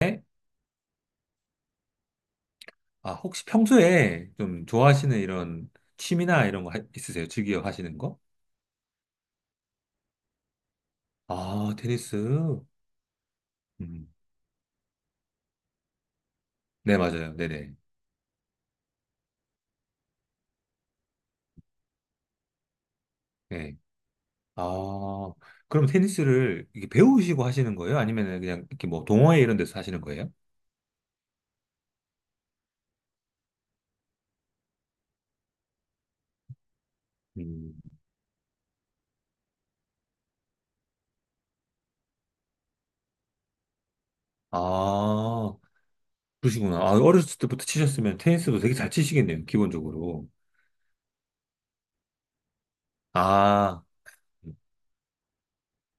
네? 아, 혹시 평소에 좀 좋아하시는 이런 취미나 이런 거 있으세요? 즐겨 하시는 거? 아, 테니스. 음. 네, 맞아요. 네네. 네. 아, 그럼 테니스를 이렇게 배우시고 하시는 거예요? 아니면 그냥 이렇게 뭐 동호회 이런 데서 하시는 거예요? 음. 아, 그러시구나. 아, 어렸을 때부터 치셨으면 테니스도 되게 잘 치시겠네요, 기본적으로. 아, 음.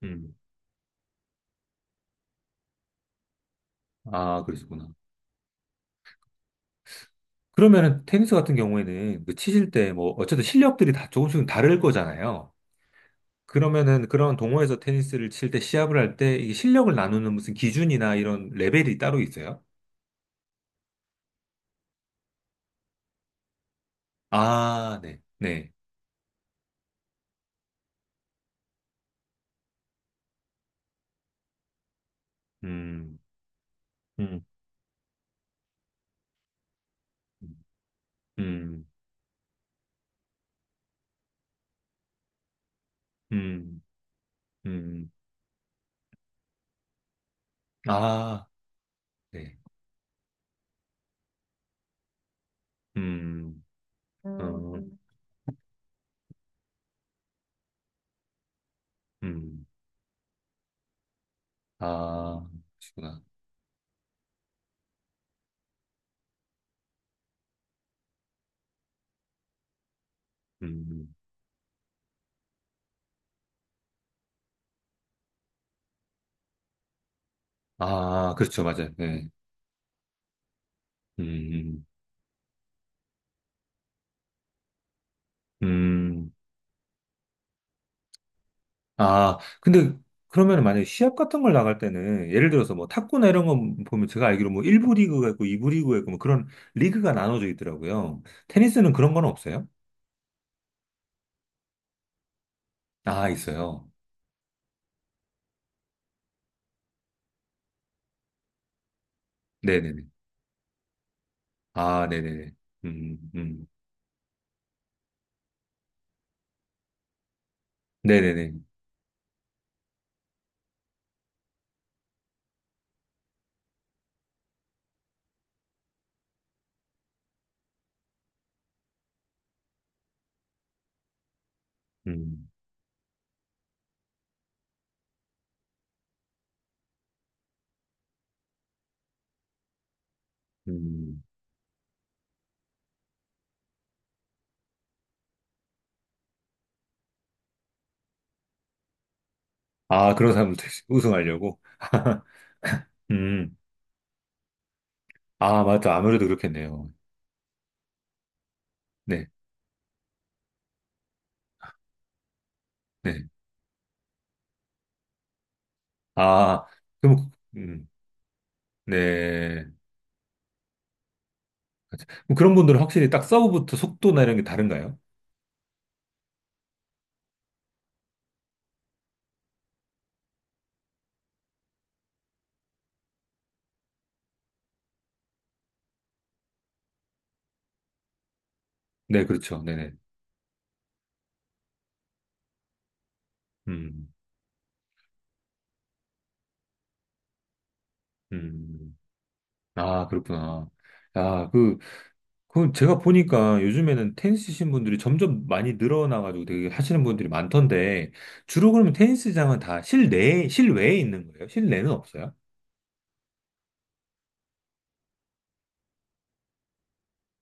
음. 아, 그러시구나. 그러면은 테니스 같은 경우에는 그 치실 때 뭐 어쨌든 실력들이 다 조금씩 다를 거잖아요. 그러면은 그런 동호회에서 테니스를 칠 때 시합을 할 때 이 실력을 나누는 무슨 기준이나 이런 레벨이 따로 있어요? 아, 네. 네. 음. 음. 음. 음. 음. 아, 네. 음. 음. 음. 아, 그러시구나. 음. 아, 그렇죠. 맞아요. 네. 음. 음. 아, 근데 그러면 만약에 시합 같은 걸 나갈 때는 예를 들어서 뭐 탁구나 이런 거 보면 제가 알기로 뭐 1부 리그가 있고 2부 리그가 있고 뭐 그런 리그가 나눠져 있더라고요. 테니스는 그런 건 없어요? 아, 있어요. 네네네. 아, 네네네. 음, 음. 네네네. 음, 음. 아, 그런 사람들 우승하려고? 음. 아, 맞다. 아무래도 그렇겠네요. 네, 네. 아, 그럼, 음, 네. 그럼 그런 분들은 확실히 딱 서브부터 속도나 이런 게 다른가요? 네, 그렇죠. 네네. 음, 음. 아, 그렇구나. 야, 그, 그 제가 보니까 요즘에는 테니스 치신 분들이 점점 많이 늘어나가지고 되게 하시는 분들이 많던데, 주로 그러면 테니스장은 다 실내에, 실외에 있는 거예요? 실내는 없어요?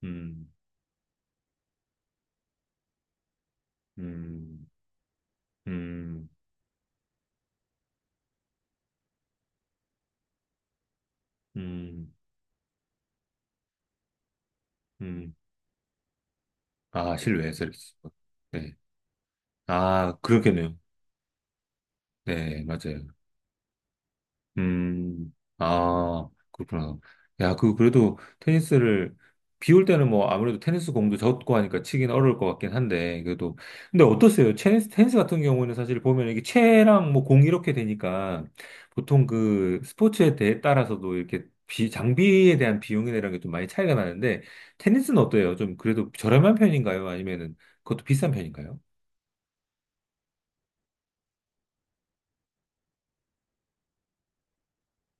음, 음, 음, 음, 음. 아, 실외에서 이렇게 치고. 네. 아, 그렇겠네요. 네, 맞아요. 아, 그렇구나. 야, 그, 그래도 테니스를, 비올 때는 뭐 아무래도 테니스 공도 젖고 하니까 치긴 어려울 것 같긴 한데, 그래도. 근데 어떠세요? 테니스, 테니스 같은 경우는 사실 보면 이게 채랑 뭐 공 이렇게 되니까 보통 그 스포츠에 대해 따라서도 이렇게 비, 장비에 대한 비용이나 이런 게 좀 많이 차이가 나는데, 테니스는 어때요? 좀 그래도 저렴한 편인가요? 아니면은 그것도 비싼 편인가요?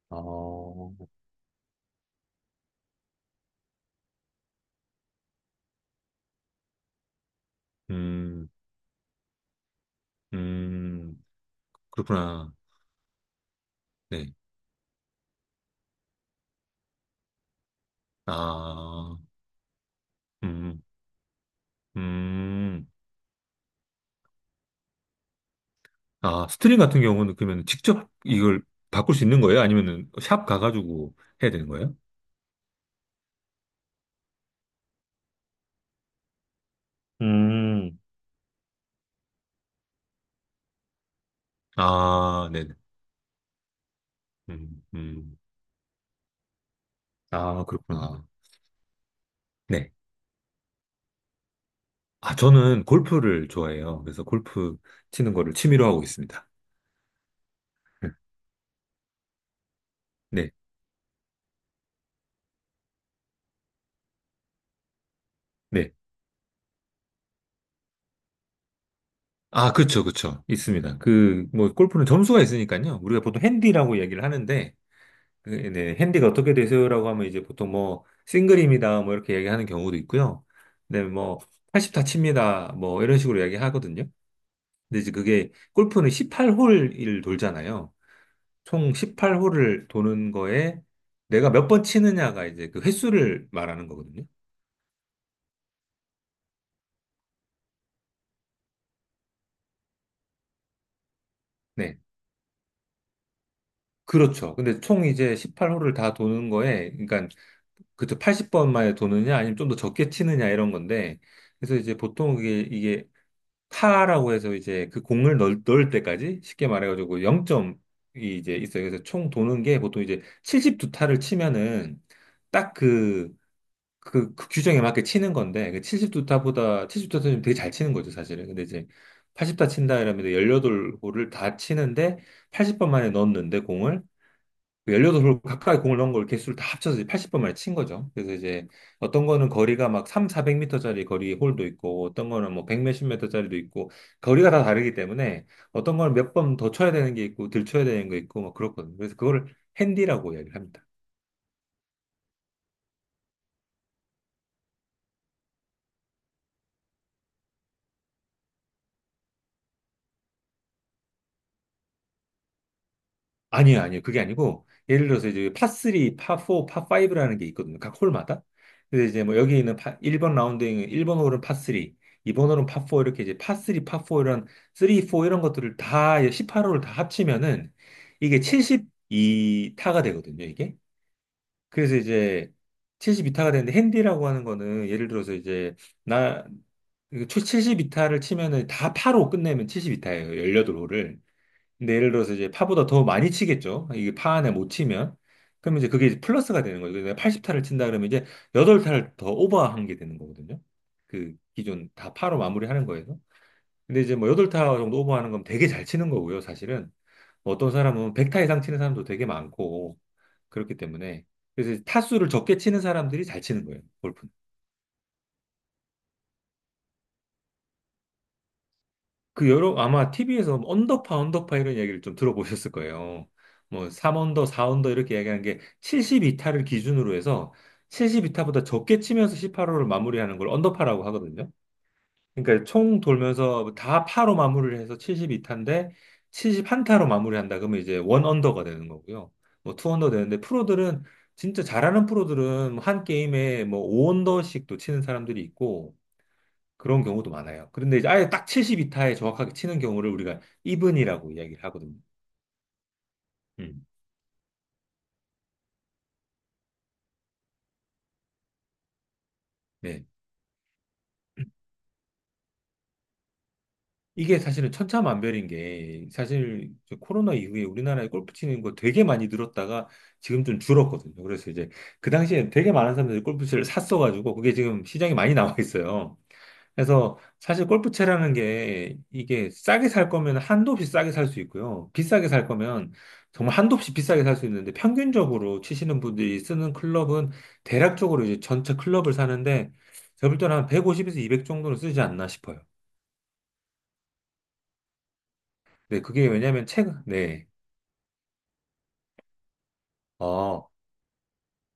어, 음, 음, 그렇구나. 네. 아. 음, 음. 아, 스트링 같은 경우는 그러면 직접 이걸 바꿀 수 있는 거예요? 아니면은 샵 가가지고 해야 되는 거예요? 음, 아, 네네. 음, 음. 아, 그렇구나. 네. 아, 저는 골프를 좋아해요. 그래서 골프 치는 거를 취미로 하고 있습니다. 네, 네. 아, 그쵸, 그쵸. 있습니다. 그, 뭐, 골프는 점수가 있으니까요. 우리가 보통 핸디라고 얘기를 하는데, 그, 네, 핸디가 어떻게 되세요라고 하면 이제 보통 뭐 싱글입니다 뭐 이렇게 얘기하는 경우도 있고요. 네, 뭐80다 칩니다 뭐 이런 식으로 이야기하거든요. 근데 이제 그게 골프는 18홀을 돌잖아요. 총 18홀을 도는 거에 내가 몇 번 치느냐가 이제 그 횟수를 말하는 거거든요. 네. 그렇죠. 근데 총 이제 18홀을 다 도는 거에, 그러니까 그저 80번 만에 도느냐, 아니면 좀 더 적게 치느냐 이런 건데, 그래서 이제 보통 이게 타라고 해서 이제 그 공을 넣을 때까지 쉽게 말해가지고 0점이 이제 있어요. 그래서 총 도는 게 보통 이제 72타를 치면은 딱 그 규정에 맞게 치는 건데 그 72타보다 72타는 되게 잘 치는 거죠, 사실은. 근데 이제 80타 친다 이러면 18홀을 다 치는데 80번 만에 넣었는데 공을 료8홀 가까이 공을 넣은 걸 개수를 다 합쳐서 80번 만에 친 거죠. 그래서 이제 어떤 거는 거리가 막 3, 400m짜리 거리 홀도 있고 어떤 거는 뭐 100 몇십 m짜리도 있고 거리가 다 다르기 때문에 어떤 거는 몇 번 더 쳐야 되는 게 있고 덜 쳐야 되는 게 있고 막 그렇거든요. 그래서 그거를 핸디라고 이야기를 합니다. 아니요, 아니요. 그게 아니고, 예를 들어서 이제 파3, 파4, 파5라는 게 있거든요. 각 홀마다. 근데 이제 뭐 여기 있는 파, 1번 라운드에는 1번 홀은 파3, 2번 홀은 파4 이렇게 이제 파3, 파4 이런, 3, 4 이런 것들을 다, 18홀을 다 합치면은 이게 72타가 되거든요, 이게. 그래서 이제 72타가 되는데 핸디라고 하는 거는 예를 들어서 이제 나, 72타를 치면은 다 파로 끝내면 72타예요, 18홀을. 근데 예를 들어서 이제 파보다 더 많이 치겠죠. 이게 파 안에 못 치면. 그러면 이제 그게 이제 플러스가 되는 거죠. 내가 80타를 친다 그러면 이제 8타를 더 오버한 게 되는 거거든요. 그 기존 다 파로 마무리하는 거에서. 근데 이제 뭐 8타 정도 오버하는 건 되게 잘 치는 거고요, 사실은. 뭐 어떤 사람은 100타 이상 치는 사람도 되게 많고, 그렇기 때문에. 그래서 타수를 적게 치는 사람들이 잘 치는 거예요, 골프. 그 여러 아마 TV에서 언더파 언더파 이런 이야기를 좀 들어보셨을 거예요. 뭐 3언더, 4언더 이렇게 이야기하는 게 72타를 기준으로 해서 72타보다 적게 치면서 18호를 마무리하는 걸 언더파라고 하거든요. 그러니까 총 돌면서 다 파로 마무리를 해서 72타인데 71타로 마무리한다 그러면 이제 원 언더가 되는 거고요. 뭐 투 언더 되는데 프로들은 진짜 잘하는 프로들은 한 게임에 뭐 5언더씩도 치는 사람들이 있고 그런 경우도 많아요. 그런데 이제 아예 딱 72타에 정확하게 치는 경우를 우리가 이븐이라고 이야기를 하거든요. 음, 네. 이게 사실은 천차만별인 게 사실 이제 코로나 이후에 우리나라에 골프 치는 거 되게 많이 늘었다가 지금 좀 줄었거든요. 그래서 이제 그 당시에 되게 많은 사람들이 골프채를 샀어가지고 그게 지금 시장에 많이 나와 있어요. 그래서 사실 골프채라는 게 이게 싸게 살 거면 한도 없이 싸게 살 수 있고요. 비싸게 살 거면 정말 한도 없이 비싸게 살 수 있는데 평균적으로 치시는 분들이 쓰는 클럽은 대략적으로 이제 전체 클럽을 사는데 제가 볼 때는 한 150에서 200 정도는 쓰지 않나 싶어요. 네, 그게 왜냐면 채, 네. 어,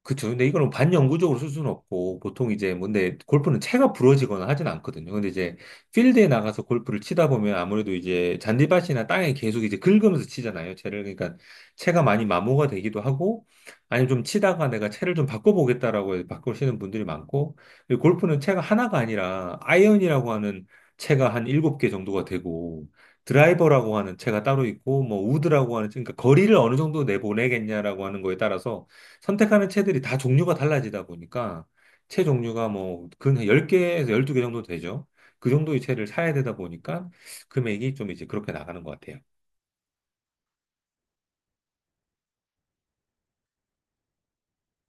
그쵸. 근데 이거는 반영구적으로 쓸 수는 없고, 보통 이제, 뭐, 근데 골프는 채가 부러지거나 하진 않거든요. 근데 이제, 필드에 나가서 골프를 치다 보면 아무래도 이제, 잔디밭이나 땅에 계속 이제 긁으면서 치잖아요. 채를. 그러니까, 채가 많이 마모가 되기도 하고, 아니면 좀 치다가 내가 채를 좀 바꿔보겠다라고 해서 바꾸시는 분들이 많고, 그리고 골프는 채가 하나가 아니라, 아이언이라고 하는 채가 한 일곱 개 정도가 되고, 드라이버라고 하는 채가 따로 있고, 뭐, 우드라고 하는, 채, 그러니까 거리를 어느 정도 내보내겠냐라고 하는 거에 따라서, 선택하는 채들이 다 종류가 달라지다 보니까 채 종류가 뭐 근한 10개에서 12개 정도 되죠. 그 정도의 채를 사야 되다 보니까 금액이 좀 이제 그렇게 나가는 것 같아요.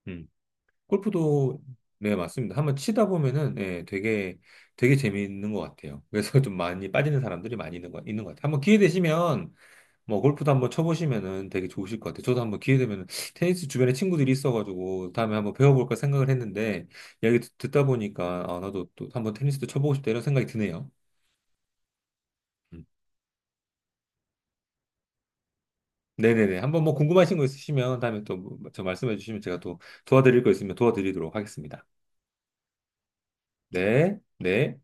음. 골프도 네, 맞습니다. 한번 치다 보면은 예, 되게 되게 재미있는 것 같아요. 그래서 좀 많이 빠지는 사람들이 많이 있는 것, 같아요. 한번 기회 되시면 뭐 골프도 한번 쳐보시면은 되게 좋으실 것 같아요. 저도 한번 기회 되면 테니스 주변에 친구들이 있어가지고 다음에 한번 배워볼까 생각을 했는데 이야기 듣다 보니까 아 나도 또 한번 테니스도 쳐보고 싶다 이런 생각이 드네요. 음. 네네네. 한번 뭐 궁금하신 거 있으시면 다음에 또 뭐, 저 말씀해 주시면 제가 또 도와드릴 거 있으면 도와드리도록 하겠습니다. 네, 네.